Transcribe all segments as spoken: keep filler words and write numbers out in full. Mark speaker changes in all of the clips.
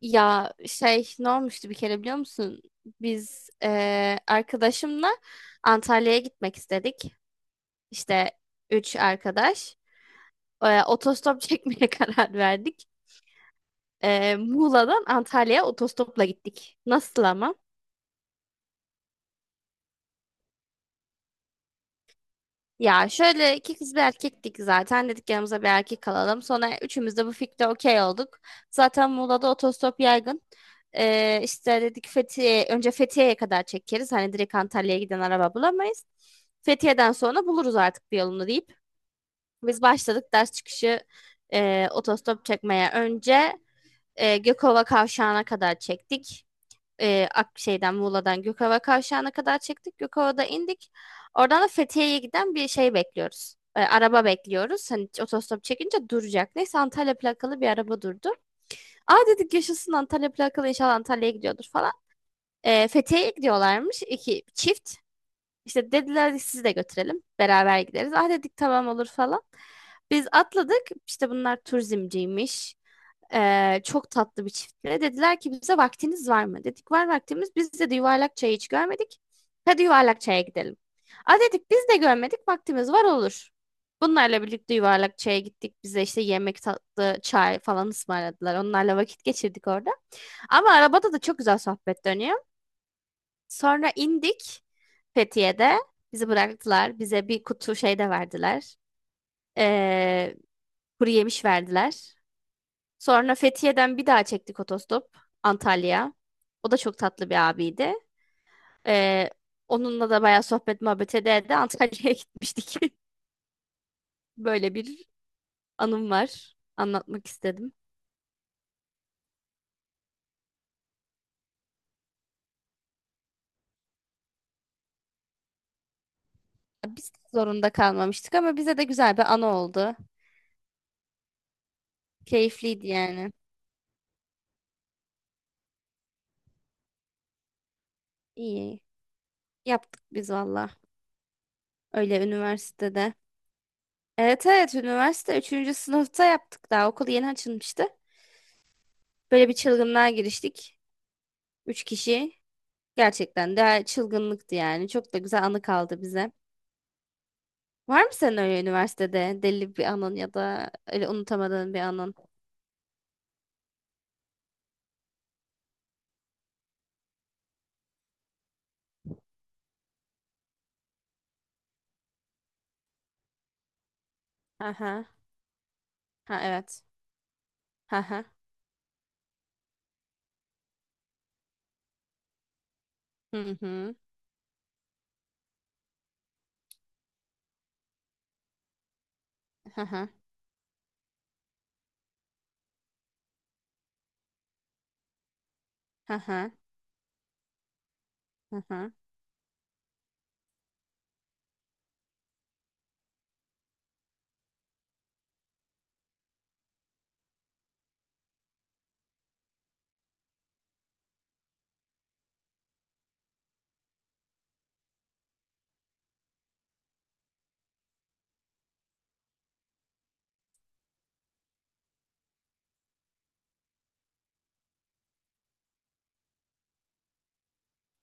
Speaker 1: Ya şey ne olmuştu bir kere biliyor musun? Biz eee, arkadaşımla Antalya'ya gitmek istedik. İşte üç arkadaş. Eee, otostop çekmeye karar verdik. Eee, Muğla'dan Antalya'ya otostopla gittik. Nasıl ama? Ya şöyle iki kız bir erkektik zaten. Dedik yanımıza bir erkek alalım. Sonra üçümüz de bu fikre okey olduk. Zaten Muğla'da otostop yaygın. Ee, işte dedik Fethiye, önce Fethiye'ye kadar çekeriz. Hani direkt Antalya'ya giden araba bulamayız. Fethiye'den sonra buluruz artık bir yolunu deyip. Biz başladık ders çıkışı e, otostop çekmeye. Önce e, Gökova Kavşağı'na kadar çektik, e, Ak şeyden Muğla'dan Gökova Kavşağı'na kadar çıktık. Gökova'da indik. Oradan da Fethiye'ye giden bir şey bekliyoruz. E, araba bekliyoruz. Hani otostop çekince duracak. Neyse Antalya plakalı bir araba durdu. Aa dedik yaşasın, Antalya plakalı, inşallah Antalya'ya gidiyordur falan. E, Fethiye'ye gidiyorlarmış iki çift. İşte dediler sizi de götürelim. Beraber gideriz. Ah dedik tamam olur falan. Biz atladık. İşte bunlar turizmciymiş. Ee, çok tatlı bir çiftle. Dediler ki bize vaktiniz var mı? Dedik var vaktimiz. Biz de yuvarlak çayı hiç görmedik. Hadi yuvarlak çaya gidelim. A dedik biz de görmedik, vaktimiz var, olur. Bunlarla birlikte yuvarlak çaya gittik. Bize işte yemek, tatlı, çay falan ısmarladılar. Onlarla vakit geçirdik orada. Ama arabada da çok güzel sohbet dönüyor. Sonra indik Fethiye'de. Bizi bıraktılar. Bize bir kutu şey de verdiler. Ee, Kuru yemiş verdiler. Sonra Fethiye'den bir daha çektik otostop Antalya. O da çok tatlı bir abiydi. Ee, Onunla da bayağı sohbet muhabbet ede de Antalya'ya gitmiştik. Böyle bir anım var. Anlatmak istedim. Biz de zorunda kalmamıştık ama bize de güzel bir anı oldu. Keyifliydi yani. İyi. Yaptık biz valla. Öyle üniversitede. Evet evet, üniversite üçüncü sınıfta yaptık daha. Okul yeni açılmıştı. Böyle bir çılgınlığa giriştik. Üç kişi. Gerçekten de çılgınlıktı yani. Çok da güzel anı kaldı bize. Var mı senin öyle üniversitede deli bir anın ya da öyle unutamadığın bir anın? Aha. Ha evet. Aha. Hı hı. Aha. Aha. Aha.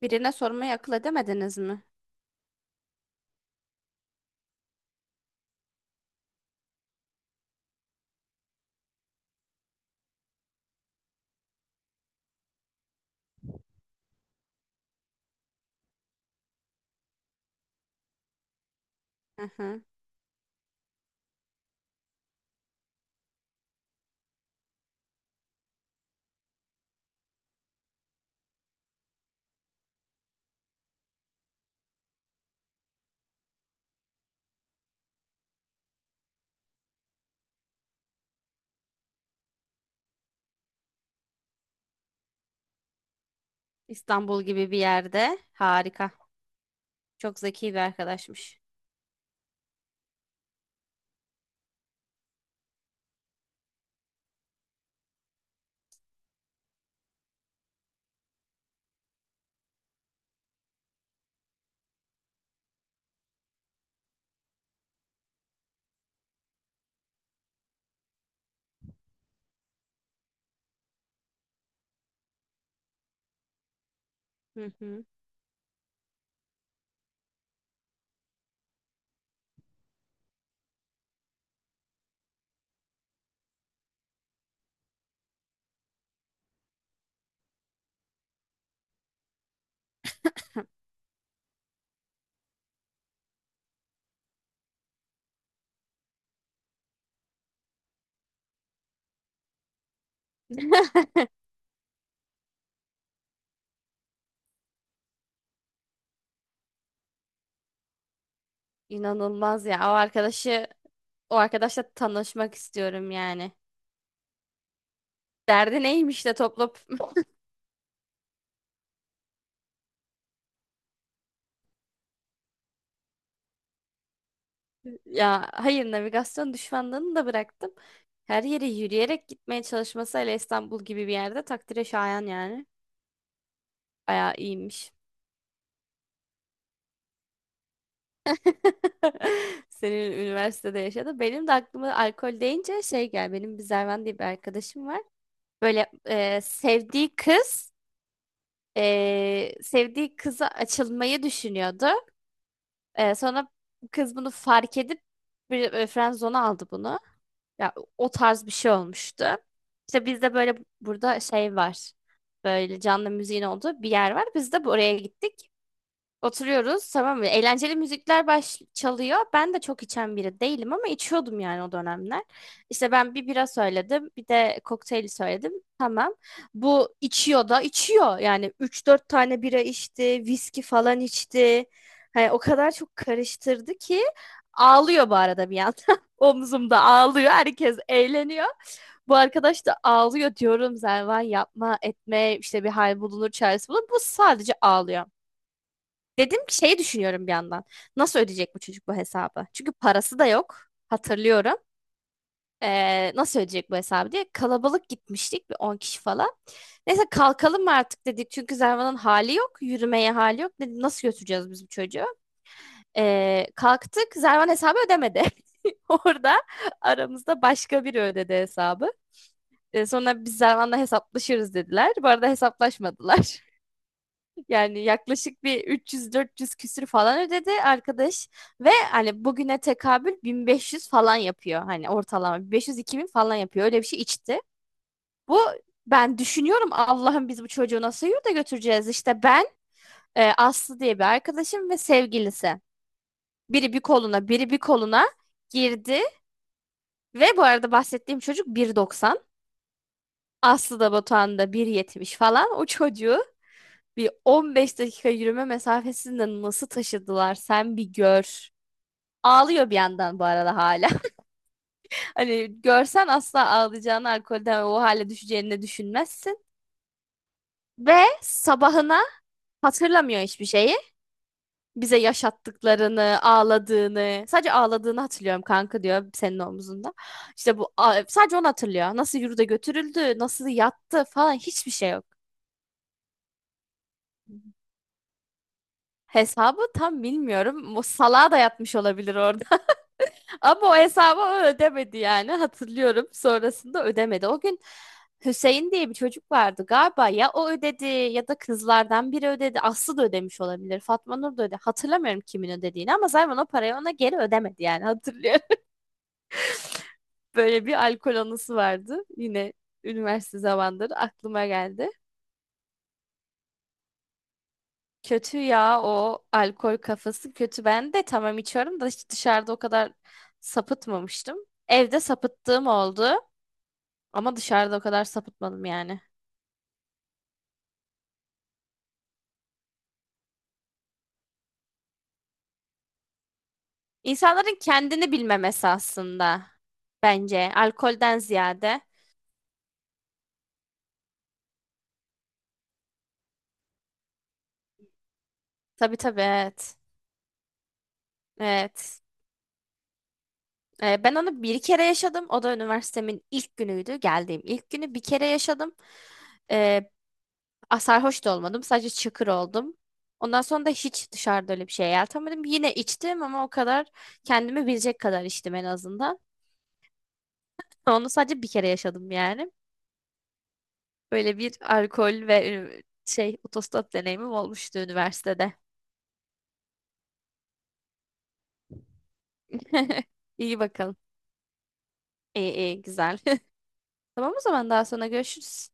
Speaker 1: Birine sormayı akıl edemediniz mi? Aha. İstanbul gibi bir yerde. Harika. Çok zeki bir arkadaşmış. Hı hı. İnanılmaz ya. O arkadaşı, o arkadaşla tanışmak istiyorum yani. Derdi neymiş de topla. Ya hayır, navigasyon düşmanlığını da bıraktım. Her yere yürüyerek gitmeye çalışması hele İstanbul gibi bir yerde takdire şayan yani. Bayağı iyiymiş. Senin üniversitede yaşadı. Benim de aklıma alkol deyince şey gel. Benim bir Zervan diye bir arkadaşım var. Böyle e, sevdiği kız e, sevdiği kıza açılmayı düşünüyordu. E, sonra kız bunu fark edip bir e, friend zone'a aldı bunu. Ya o tarz bir şey olmuştu. İşte bizde böyle burada şey var. Böyle canlı müziğin olduğu bir yer var. Biz de buraya gittik. Oturuyoruz tamam mı? Eğlenceli müzikler baş çalıyor. Ben de çok içen biri değilim ama içiyordum yani o dönemler. İşte ben bir bira söyledim, bir de kokteyli söyledim. Tamam. Bu içiyor da içiyor. Yani üç dört tane bira içti, viski falan içti. Hani o kadar çok karıştırdı ki ağlıyor bu arada bir yandan. Omzumda ağlıyor. Herkes eğleniyor. Bu arkadaş da ağlıyor, diyorum Zervan yapma etme işte, bir hal bulunur, çaresi bulunur. Bu sadece ağlıyor. Dedim ki şeyi düşünüyorum bir yandan. Nasıl ödeyecek bu çocuk bu hesabı? Çünkü parası da yok. Hatırlıyorum. Ee, nasıl ödeyecek bu hesabı diye. Kalabalık gitmiştik, bir on kişi falan. Neyse kalkalım mı artık dedik. Çünkü Zervan'ın hali yok. Yürümeye hali yok. Dedim nasıl götüreceğiz biz bu çocuğu? Ee, kalktık. Zervan hesabı ödemedi. Orada aramızda başka biri ödedi hesabı. Ee, sonra biz Zervan'la hesaplaşırız dediler. Bu arada hesaplaşmadılar. Yani yaklaşık bir üç yüz dört yüz küsür falan ödedi arkadaş ve hani bugüne tekabül bin beş yüz falan yapıyor, hani ortalama bin beş yüz-iki bin falan yapıyor, öyle bir şey içti. Bu, ben düşünüyorum Allah'ım biz bu çocuğu nasıl yurda götüreceğiz, işte ben e, Aslı diye bir arkadaşım ve sevgilisi, biri bir koluna biri bir koluna girdi ve bu arada bahsettiğim çocuk bir doksan, Aslı da Batuhan da bir yetmiş falan. O çocuğu bir on beş dakika yürüme mesafesinde nasıl taşıdılar sen bir gör. Ağlıyor bir yandan bu arada hala. Hani görsen asla ağlayacağını, alkolden o hale düşeceğini de düşünmezsin. Ve sabahına hatırlamıyor hiçbir şeyi. Bize yaşattıklarını, ağladığını. Sadece ağladığını hatırlıyorum, kanka diyor senin omzunda. İşte bu sadece onu hatırlıyor. Nasıl yurda götürüldü, nasıl yattı falan hiçbir şey yok. Hesabı tam bilmiyorum. O salağa da yatmış olabilir orada. Ama o hesabı o ödemedi yani, hatırlıyorum. Sonrasında ödemedi. O gün Hüseyin diye bir çocuk vardı galiba, ya o ödedi ya da kızlardan biri ödedi. Aslı da ödemiş olabilir. Fatma Nur da ödedi. Hatırlamıyorum kimin ödediğini ama Zayman o parayı ona geri ödemedi yani, hatırlıyorum. Böyle bir alkol anısı vardı. Yine üniversite zamanları aklıma geldi. Kötü ya, o alkol kafası kötü. Ben de tamam, içiyorum da hiç dışarıda o kadar sapıtmamıştım. Evde sapıttığım oldu. Ama dışarıda o kadar sapıtmadım yani. İnsanların kendini bilmemesi aslında, bence alkolden ziyade. Tabii tabii, evet. Evet. Ee, ben onu bir kere yaşadım. O da üniversitemin ilk günüydü. Geldiğim ilk günü bir kere yaşadım. Ee, a- Sarhoş da olmadım. Sadece çıkır oldum. Ondan sonra da hiç dışarıda öyle bir şey yeltemedim. Yine içtim ama o kadar, kendimi bilecek kadar içtim en azından. Onu sadece bir kere yaşadım yani. Böyle bir alkol ve e, şey otostop deneyimim olmuştu üniversitede. İyi bakalım. İyi iyi güzel. Tamam o zaman daha sonra görüşürüz.